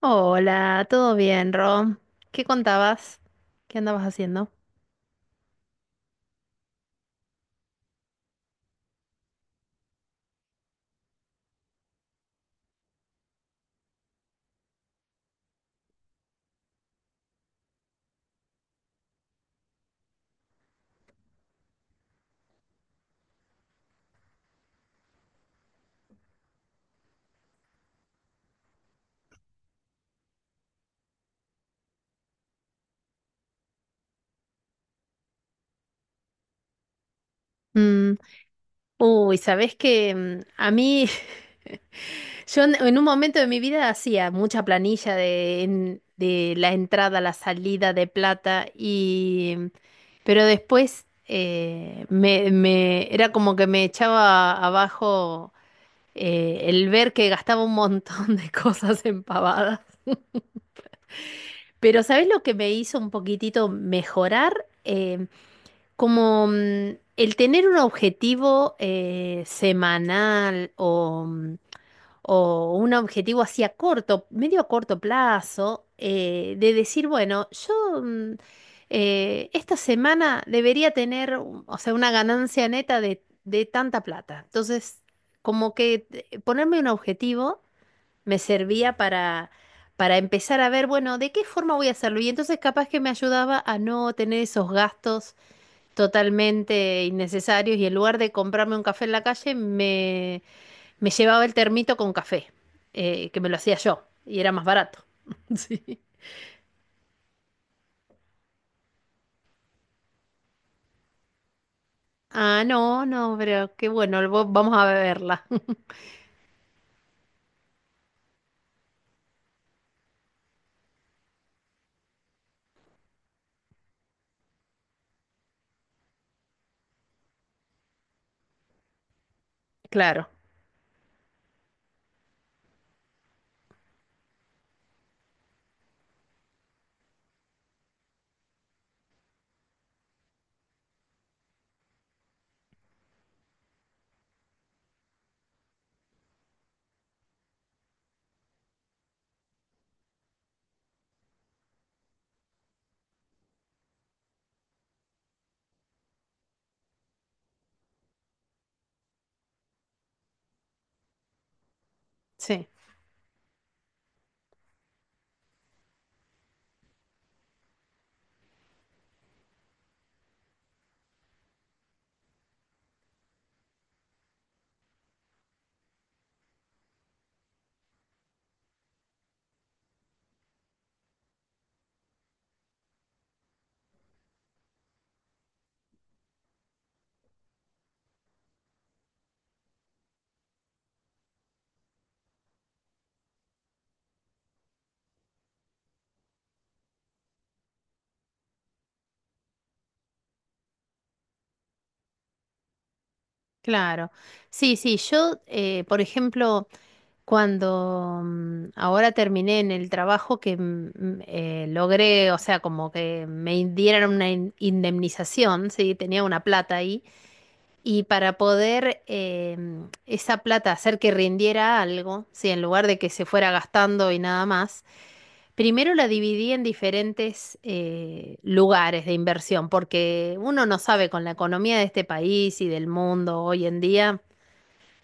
Hola, ¿todo bien, Rom? ¿Qué contabas? ¿Qué andabas haciendo? Mm, uy, ¿sabés que a mí, yo en un momento de mi vida hacía mucha planilla de, de la entrada, la salida de plata, y, pero después era como que me echaba abajo el ver que gastaba un montón de cosas en pavadas. Pero ¿sabés lo que me hizo un poquitito mejorar? Como el tener un objetivo semanal o, o un objetivo así a corto, medio a corto plazo, de decir, bueno, yo esta semana debería tener, o sea, una ganancia neta de tanta plata. Entonces, como que ponerme un objetivo me servía para empezar a ver, bueno, de qué forma voy a hacerlo. Y entonces capaz que me ayudaba a no tener esos gastos totalmente innecesarios y en lugar de comprarme un café en la calle, me llevaba el termito con café, que me lo hacía yo y era más barato. Sí. Ah, no, no, pero qué bueno, vamos a beberla. Claro, sí, claro. Sí, sí, yo, por ejemplo, cuando ahora terminé en el trabajo que logré, o sea, como que me dieran una indemnización, sí, tenía una plata ahí. Y para poder esa plata hacer que rindiera algo, sí, en lugar de que se fuera gastando y nada más, primero la dividí en diferentes lugares de inversión, porque uno no sabe con la economía de este país y del mundo hoy en día.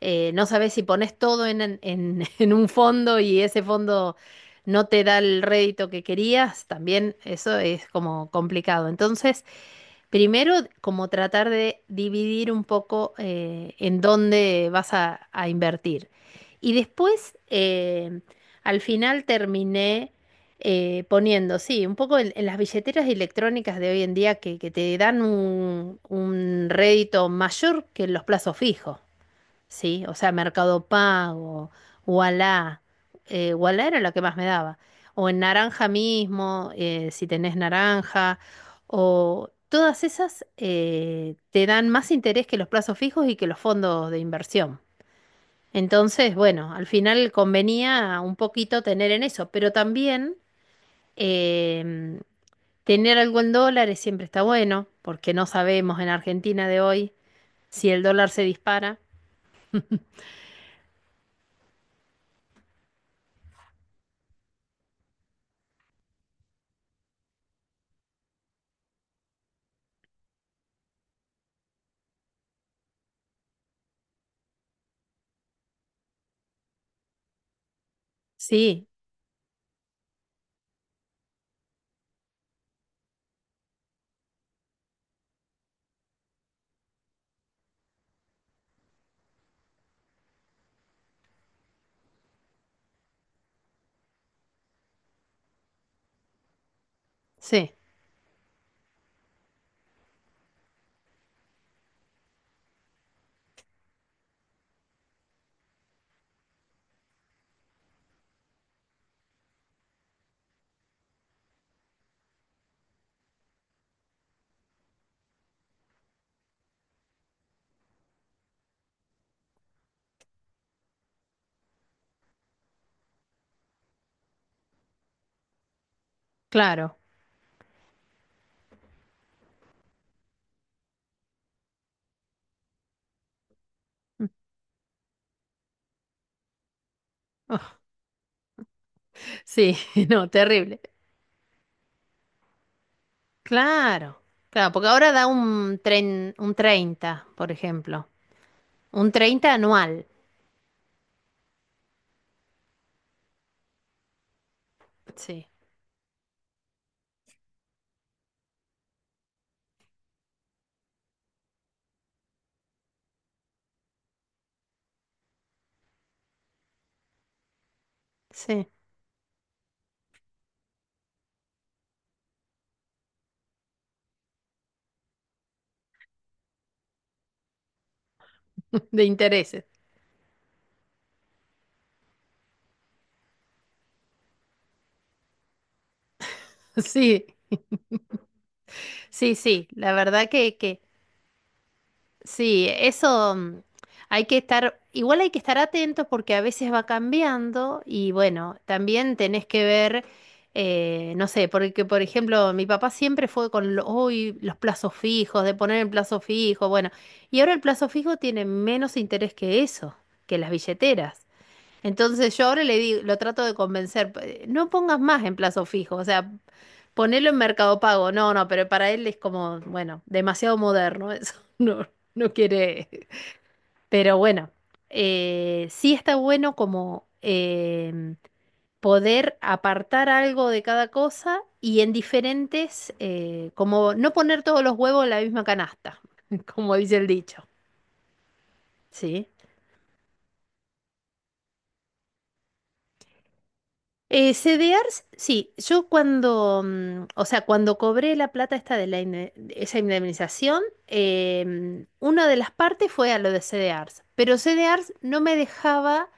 No sabes si pones todo en un fondo y ese fondo no te da el rédito que querías, también eso es como complicado. Entonces, primero, como tratar de dividir un poco en dónde vas a invertir. Y después, al final terminé poniendo, sí, un poco en las billeteras electrónicas de hoy en día que te dan un rédito mayor que los plazos fijos. Sí, o sea, Mercado Pago, Ualá, Ualá era la que más me daba. O en naranja mismo, si tenés naranja, o todas esas te dan más interés que los plazos fijos y que los fondos de inversión. Entonces, bueno, al final convenía un poquito tener en eso, pero también em, tener algo en dólares siempre está bueno, porque no sabemos en Argentina de hoy si el dólar se dispara. Sí, sí, claro. Sí, no, terrible. Claro, claro, porque ahora da un 30, por ejemplo. Un 30 anual. Sí, sí, de intereses. Sí, sí, sí, la verdad que sí. Eso, hay que estar, igual hay que estar atentos porque a veces va cambiando y bueno, también tenés que ver, no sé, porque por ejemplo mi papá siempre fue con "Uy, los plazos fijos, de poner el plazo fijo", bueno, y ahora el plazo fijo tiene menos interés que eso, que las billeteras. Entonces yo ahora le digo, lo trato de convencer, No pongas más en plazo fijo, o sea, ponelo en Mercado Pago". No, no, pero para él es como, bueno, demasiado moderno eso. No, no quiere. Pero bueno, sí está bueno como poder apartar algo de cada cosa y en diferentes, como no poner todos los huevos en la misma canasta, como dice el dicho. Sí. CDRs, sí, yo cuando, o sea, cuando cobré la plata esta de la de esa indemnización, una de las partes fue a lo de CDRs, pero CDRs no me dejaba.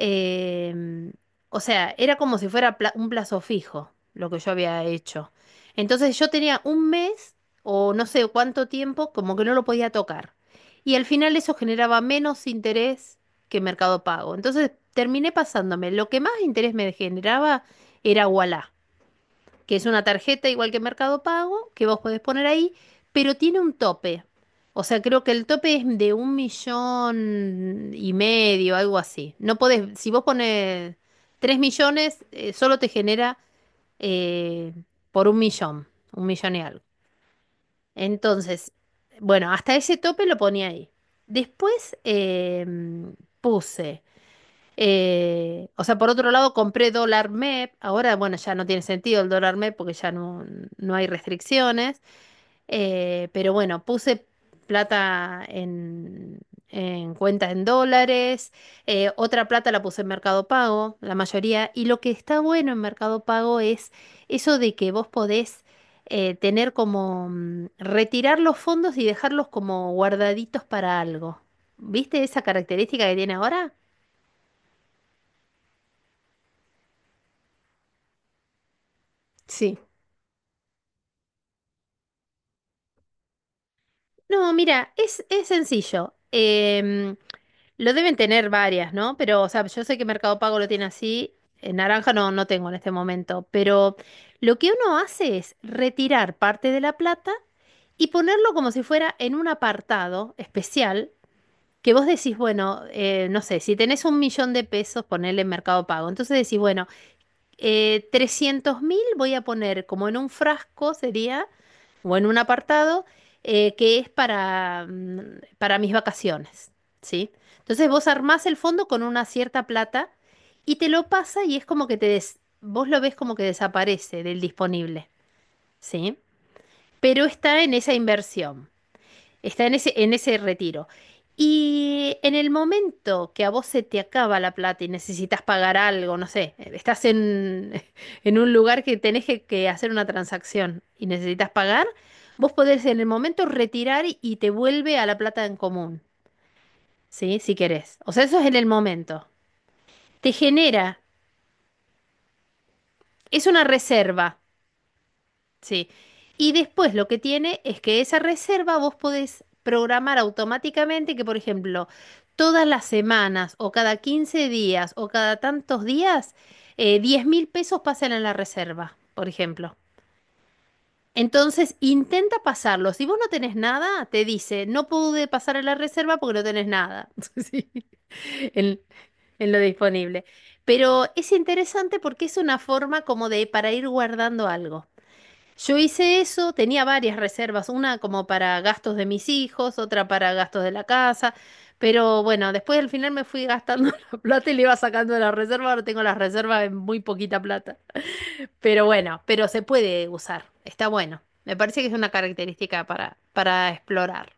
Em, o sea, era como si fuera un plazo fijo lo que yo había hecho. Entonces yo tenía un mes o no sé cuánto tiempo como que no lo podía tocar. Y al final eso generaba menos interés que Mercado Pago. Entonces terminé pasándome. Lo que más interés me generaba era Ualá, que es una tarjeta igual que Mercado Pago, que vos podés poner ahí, pero tiene un tope. O sea, creo que el tope es de un millón y medio, algo así. No podés, si vos pones tres millones, solo te genera eh, por un millón y algo. Entonces, bueno, hasta ese tope lo ponía ahí. Después puse. O sea, por otro lado, compré dólar MEP. Ahora, bueno, ya no tiene sentido el dólar MEP porque no hay restricciones. Pero bueno, puse plata en cuenta en dólares. Otra plata la puse en Mercado Pago, la mayoría. Y lo que está bueno en Mercado Pago es eso de que vos podés tener como retirar los fondos y dejarlos como guardaditos para algo. ¿Viste esa característica que tiene ahora? Sí. No, mira, es sencillo. Lo deben tener varias, ¿no? Pero, o sea, yo sé que Mercado Pago lo tiene así. En naranja no, no tengo en este momento. Pero lo que uno hace es retirar parte de la plata y ponerlo como si fuera en un apartado especial que vos decís, bueno, no sé, si tenés un millón de pesos, ponele en Mercado Pago. Entonces decís, bueno, 300.000 voy a poner como en un frasco sería, o en un apartado, que es para mis vacaciones, ¿sí? Entonces vos armás el fondo con una cierta plata y te lo pasa y es como que vos lo ves como que desaparece del disponible, ¿sí? Pero está en esa inversión. Está en ese, retiro. Y en el momento que a vos se te acaba la plata y necesitas pagar algo, no sé, estás en, en un lugar que tenés que hacer una transacción y necesitas pagar, vos podés en el momento retirar y te vuelve a la plata en común, ¿sí? Si querés. O sea, eso es en el momento. Te genera, es una reserva. Sí. Y después lo que tiene es que esa reserva vos podés programar automáticamente que, por ejemplo, todas las semanas o cada 15 días o cada tantos días, 10 mil pesos pasan a la reserva, por ejemplo. Entonces intenta pasarlo. Si vos no tenés nada, te dice, no pude pasar a la reserva porque no tenés nada. Sí. En, lo disponible. Pero es interesante porque es una forma como de para ir guardando algo. Yo hice eso, tenía varias reservas, una como para gastos de mis hijos, otra para gastos de la casa, pero bueno, después al final me fui gastando la plata y le iba sacando de la reserva, ahora tengo las reservas en muy poquita plata. Pero bueno, pero se puede usar, está bueno. Me parece que es una característica para explorar.